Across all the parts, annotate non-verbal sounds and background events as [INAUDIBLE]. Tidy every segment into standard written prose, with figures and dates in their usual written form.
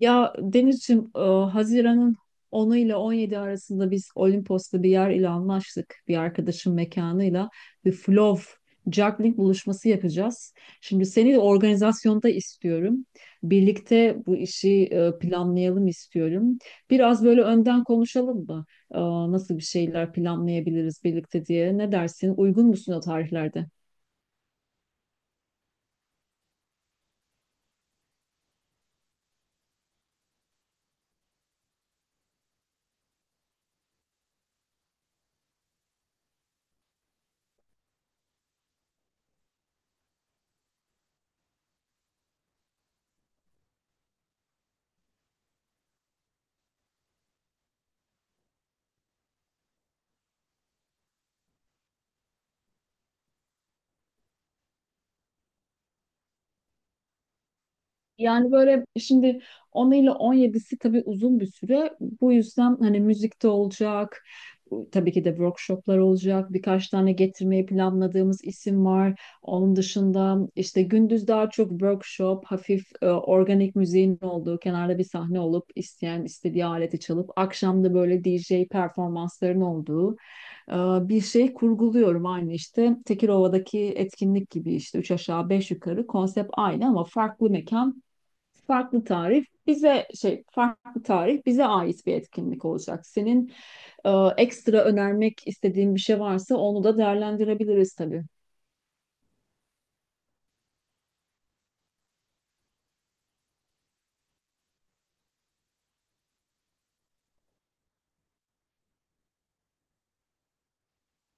Ya Denizciğim, Haziran'ın onu ile 17 arasında biz Olimpos'ta bir yer ile anlaştık. Bir arkadaşın mekanıyla bir flow juggling buluşması yapacağız. Şimdi seni de organizasyonda istiyorum. Birlikte bu işi planlayalım istiyorum. Biraz böyle önden konuşalım mı? E, Nasıl bir şeyler planlayabiliriz birlikte diye. Ne dersin? Uygun musun o tarihlerde? Yani böyle şimdi 10 ile on yedisi tabii uzun bir süre. Bu yüzden hani müzikte olacak, tabii ki de workshoplar olacak. Birkaç tane getirmeyi planladığımız isim var. Onun dışında işte gündüz daha çok workshop, hafif organik müziğin olduğu, kenarda bir sahne olup isteyen istediği aleti çalıp, akşam da böyle DJ performansların olduğu e, bir şey kurguluyorum. Aynı işte Tekirova'daki etkinlik gibi, işte üç aşağı beş yukarı konsept aynı ama farklı mekan, farklı tarih, bize ait bir etkinlik olacak. Senin e, ekstra önermek istediğin bir şey varsa onu da değerlendirebiliriz tabii.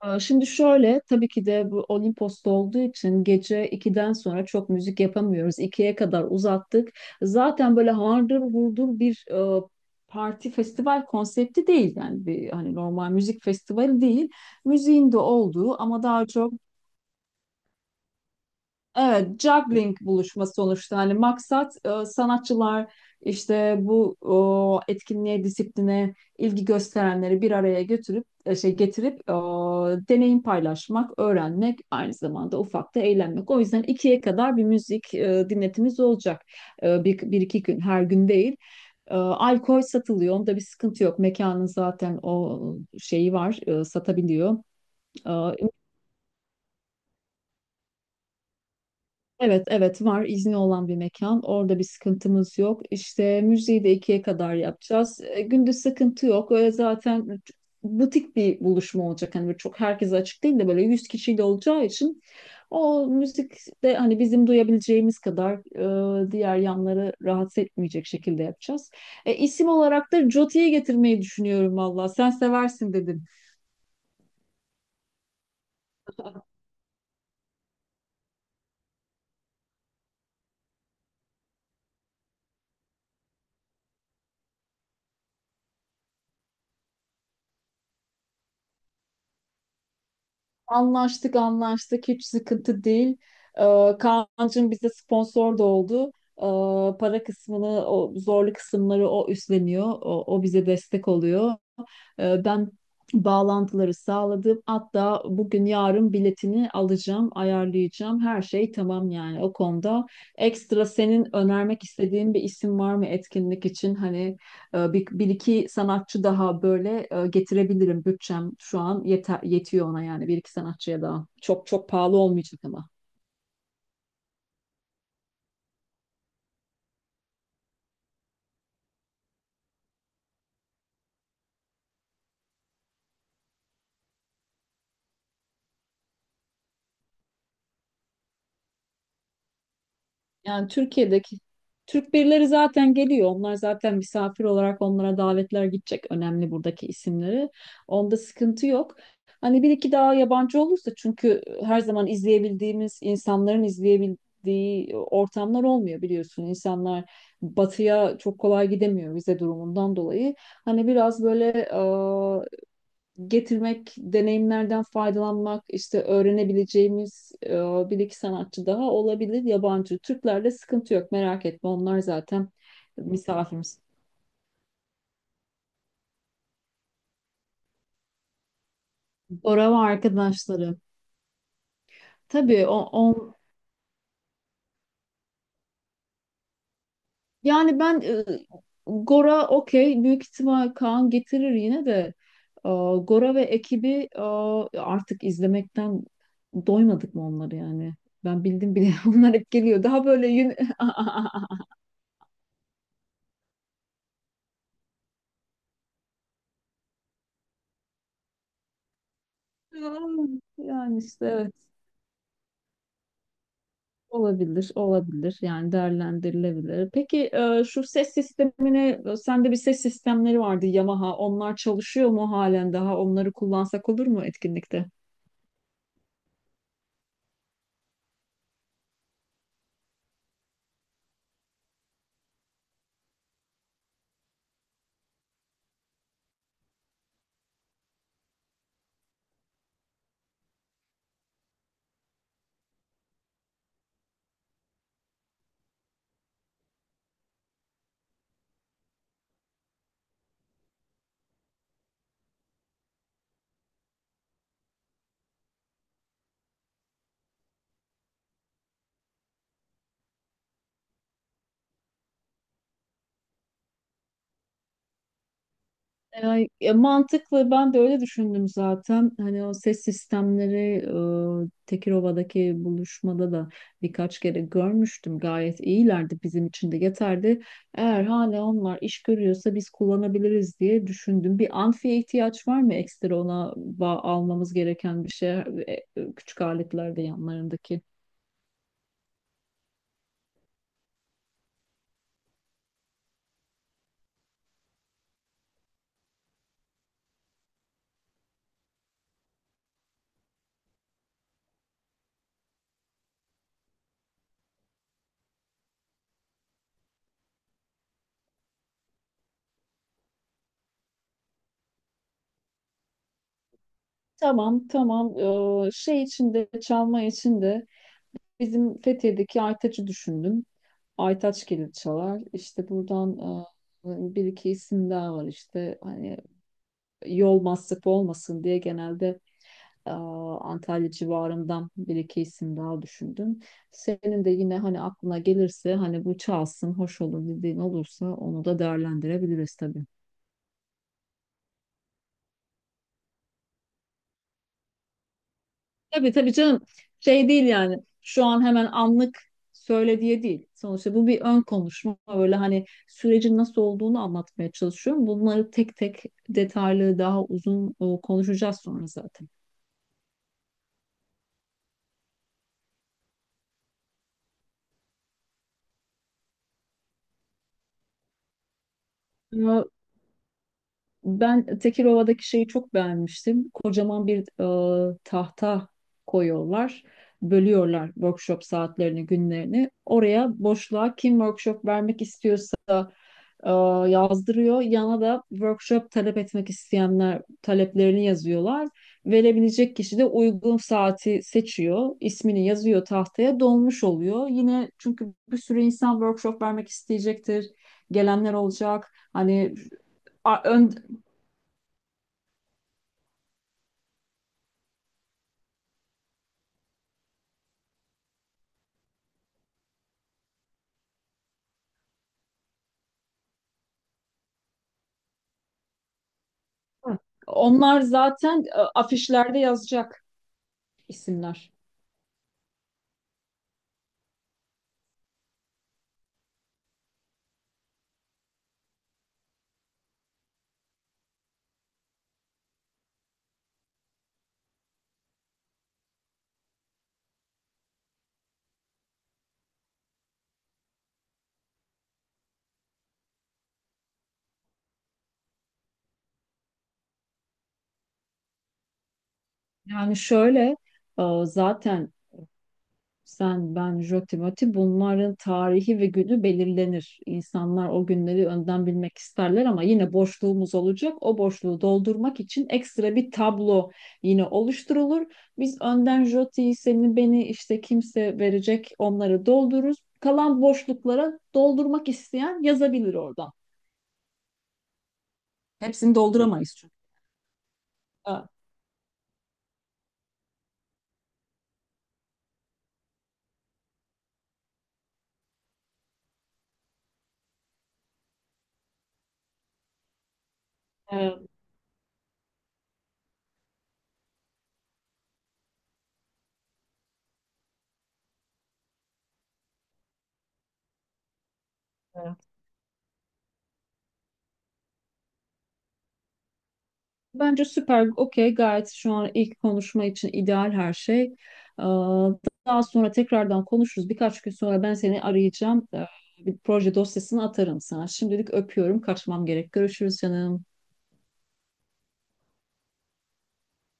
Şimdi şöyle, tabii ki de bu Olimpos'ta olduğu için gece 2'den sonra çok müzik yapamıyoruz. İkiye kadar uzattık. Zaten böyle hardır vurdur bir parti festival konsepti değil, yani bir hani normal müzik festivali değil. Müziğin de olduğu ama daha çok, evet, juggling buluşma sonuçta. Hani maksat sanatçılar işte bu etkinliğe, disipline ilgi gösterenleri bir araya götürüp e, şey getirip e, deneyim paylaşmak, öğrenmek, aynı zamanda ufak da eğlenmek. O yüzden ikiye kadar bir müzik dinletimiz olacak. E, bir iki gün, her gün değil. E, alkol satılıyor, onda bir sıkıntı yok. Mekanın zaten o şeyi var, satabiliyor. E, Evet, evet, var, izni olan bir mekan. Orada bir sıkıntımız yok. İşte müziği de ikiye kadar yapacağız. E, gündüz sıkıntı yok. Öyle zaten butik bir buluşma olacak. Hani böyle çok herkese açık değil de böyle 100 kişiyle olacağı için o müzik de hani bizim duyabileceğimiz kadar, diğer yanları rahatsız etmeyecek şekilde yapacağız. E, isim olarak da Joti'yi getirmeyi düşünüyorum valla. Sen seversin dedin. Anlaştık, anlaştık, hiç sıkıntı değil. Kaan'cığım bize sponsor da oldu. Para kısmını, o zorlu kısımları o üstleniyor. O bize destek oluyor. E, ben bağlantıları sağladım. Hatta bugün yarın biletini alacağım, ayarlayacağım. Her şey tamam yani o konuda. Ekstra senin önermek istediğin bir isim var mı etkinlik için? Hani bir iki sanatçı daha böyle getirebilirim. Bütçem şu an yetiyor ona, yani bir iki sanatçıya daha. Çok pahalı olmayacak ama. Yani Türkiye'deki Türk birileri zaten geliyor. Onlar zaten misafir olarak, onlara davetler gidecek. Önemli buradaki isimleri. Onda sıkıntı yok. Hani bir iki daha yabancı olursa, çünkü her zaman izleyebildiğimiz insanların izleyebildiği ortamlar olmuyor biliyorsun. İnsanlar batıya çok kolay gidemiyor vize durumundan dolayı. Hani biraz böyle getirmek, deneyimlerden faydalanmak, işte öğrenebileceğimiz, bir iki sanatçı daha olabilir yabancı. Türklerde sıkıntı yok, merak etme, onlar zaten misafirimiz. Gora ve arkadaşları. Tabii yani ben, Gora okey, büyük ihtimal Kaan getirir yine de. e, Gora ve ekibi, artık izlemekten doymadık mı onları, yani. Ben bildim bile [LAUGHS] onlar hep geliyor. Daha böyle yün... [LAUGHS] Yani işte evet. Olabilir, olabilir. Yani değerlendirilebilir. Peki şu ses sistemine, sende bir ses sistemleri vardı, Yamaha. Onlar çalışıyor mu halen daha? Onları kullansak olur mu etkinlikte? Yani, mantıklı, ben de öyle düşündüm zaten. Hani o ses sistemleri, Tekirova'daki buluşmada da birkaç kere görmüştüm. Gayet iyilerdi, bizim için de yeterdi. Eğer hala onlar iş görüyorsa biz kullanabiliriz diye düşündüm. Bir amfiye ihtiyaç var mı ekstra, ona almamız gereken bir şey? Küçük aletlerde yanlarındaki. Tamam, tamam. E, şey için de Çalma için de bizim Fethiye'deki Aytaç'ı düşündüm. Aytaç gelir çalar. İşte buradan bir iki isim daha var işte. Hani yol masrafı olmasın diye genelde, e, Antalya civarından bir iki isim daha düşündüm. Senin de yine hani aklına gelirse, hani bu çalsın, hoş olur dediğin olursa, onu da değerlendirebiliriz tabii. Tabii tabii canım, şey değil yani, şu an hemen anlık söyle diye değil. Sonuçta bu bir ön konuşma, böyle hani sürecin nasıl olduğunu anlatmaya çalışıyorum. Bunları tek tek detaylı, daha uzun konuşacağız sonra zaten. Ben Tekirova'daki şeyi çok beğenmiştim. Kocaman bir tahta koyuyorlar. Bölüyorlar workshop saatlerini, günlerini. Oraya, boşluğa kim workshop vermek istiyorsa e, yazdırıyor. Yana da workshop talep etmek isteyenler taleplerini yazıyorlar. Verebilecek kişi de uygun saati seçiyor, ismini yazıyor tahtaya, dolmuş oluyor. Yine, çünkü bir sürü insan workshop vermek isteyecektir. Gelenler olacak. A- ön, Hı. Onlar zaten afişlerde yazacak isimler. Yani şöyle, zaten sen, ben, Joti, Moti, bunların tarihi ve günü belirlenir. İnsanlar o günleri önden bilmek isterler, ama yine boşluğumuz olacak. O boşluğu doldurmak için ekstra bir tablo yine oluşturulur. Biz önden Joti'yi, seni, beni, işte kimse verecek, onları doldururuz. Kalan boşluklara doldurmak isteyen yazabilir oradan. Hepsini dolduramayız çünkü. Ha, evet. Bence süper, okey, gayet şu an ilk konuşma için ideal her şey. Daha sonra tekrardan konuşuruz. Birkaç gün sonra ben seni arayacağım. Bir proje dosyasını atarım sana. Şimdilik öpüyorum, kaçmam gerek. Görüşürüz canım.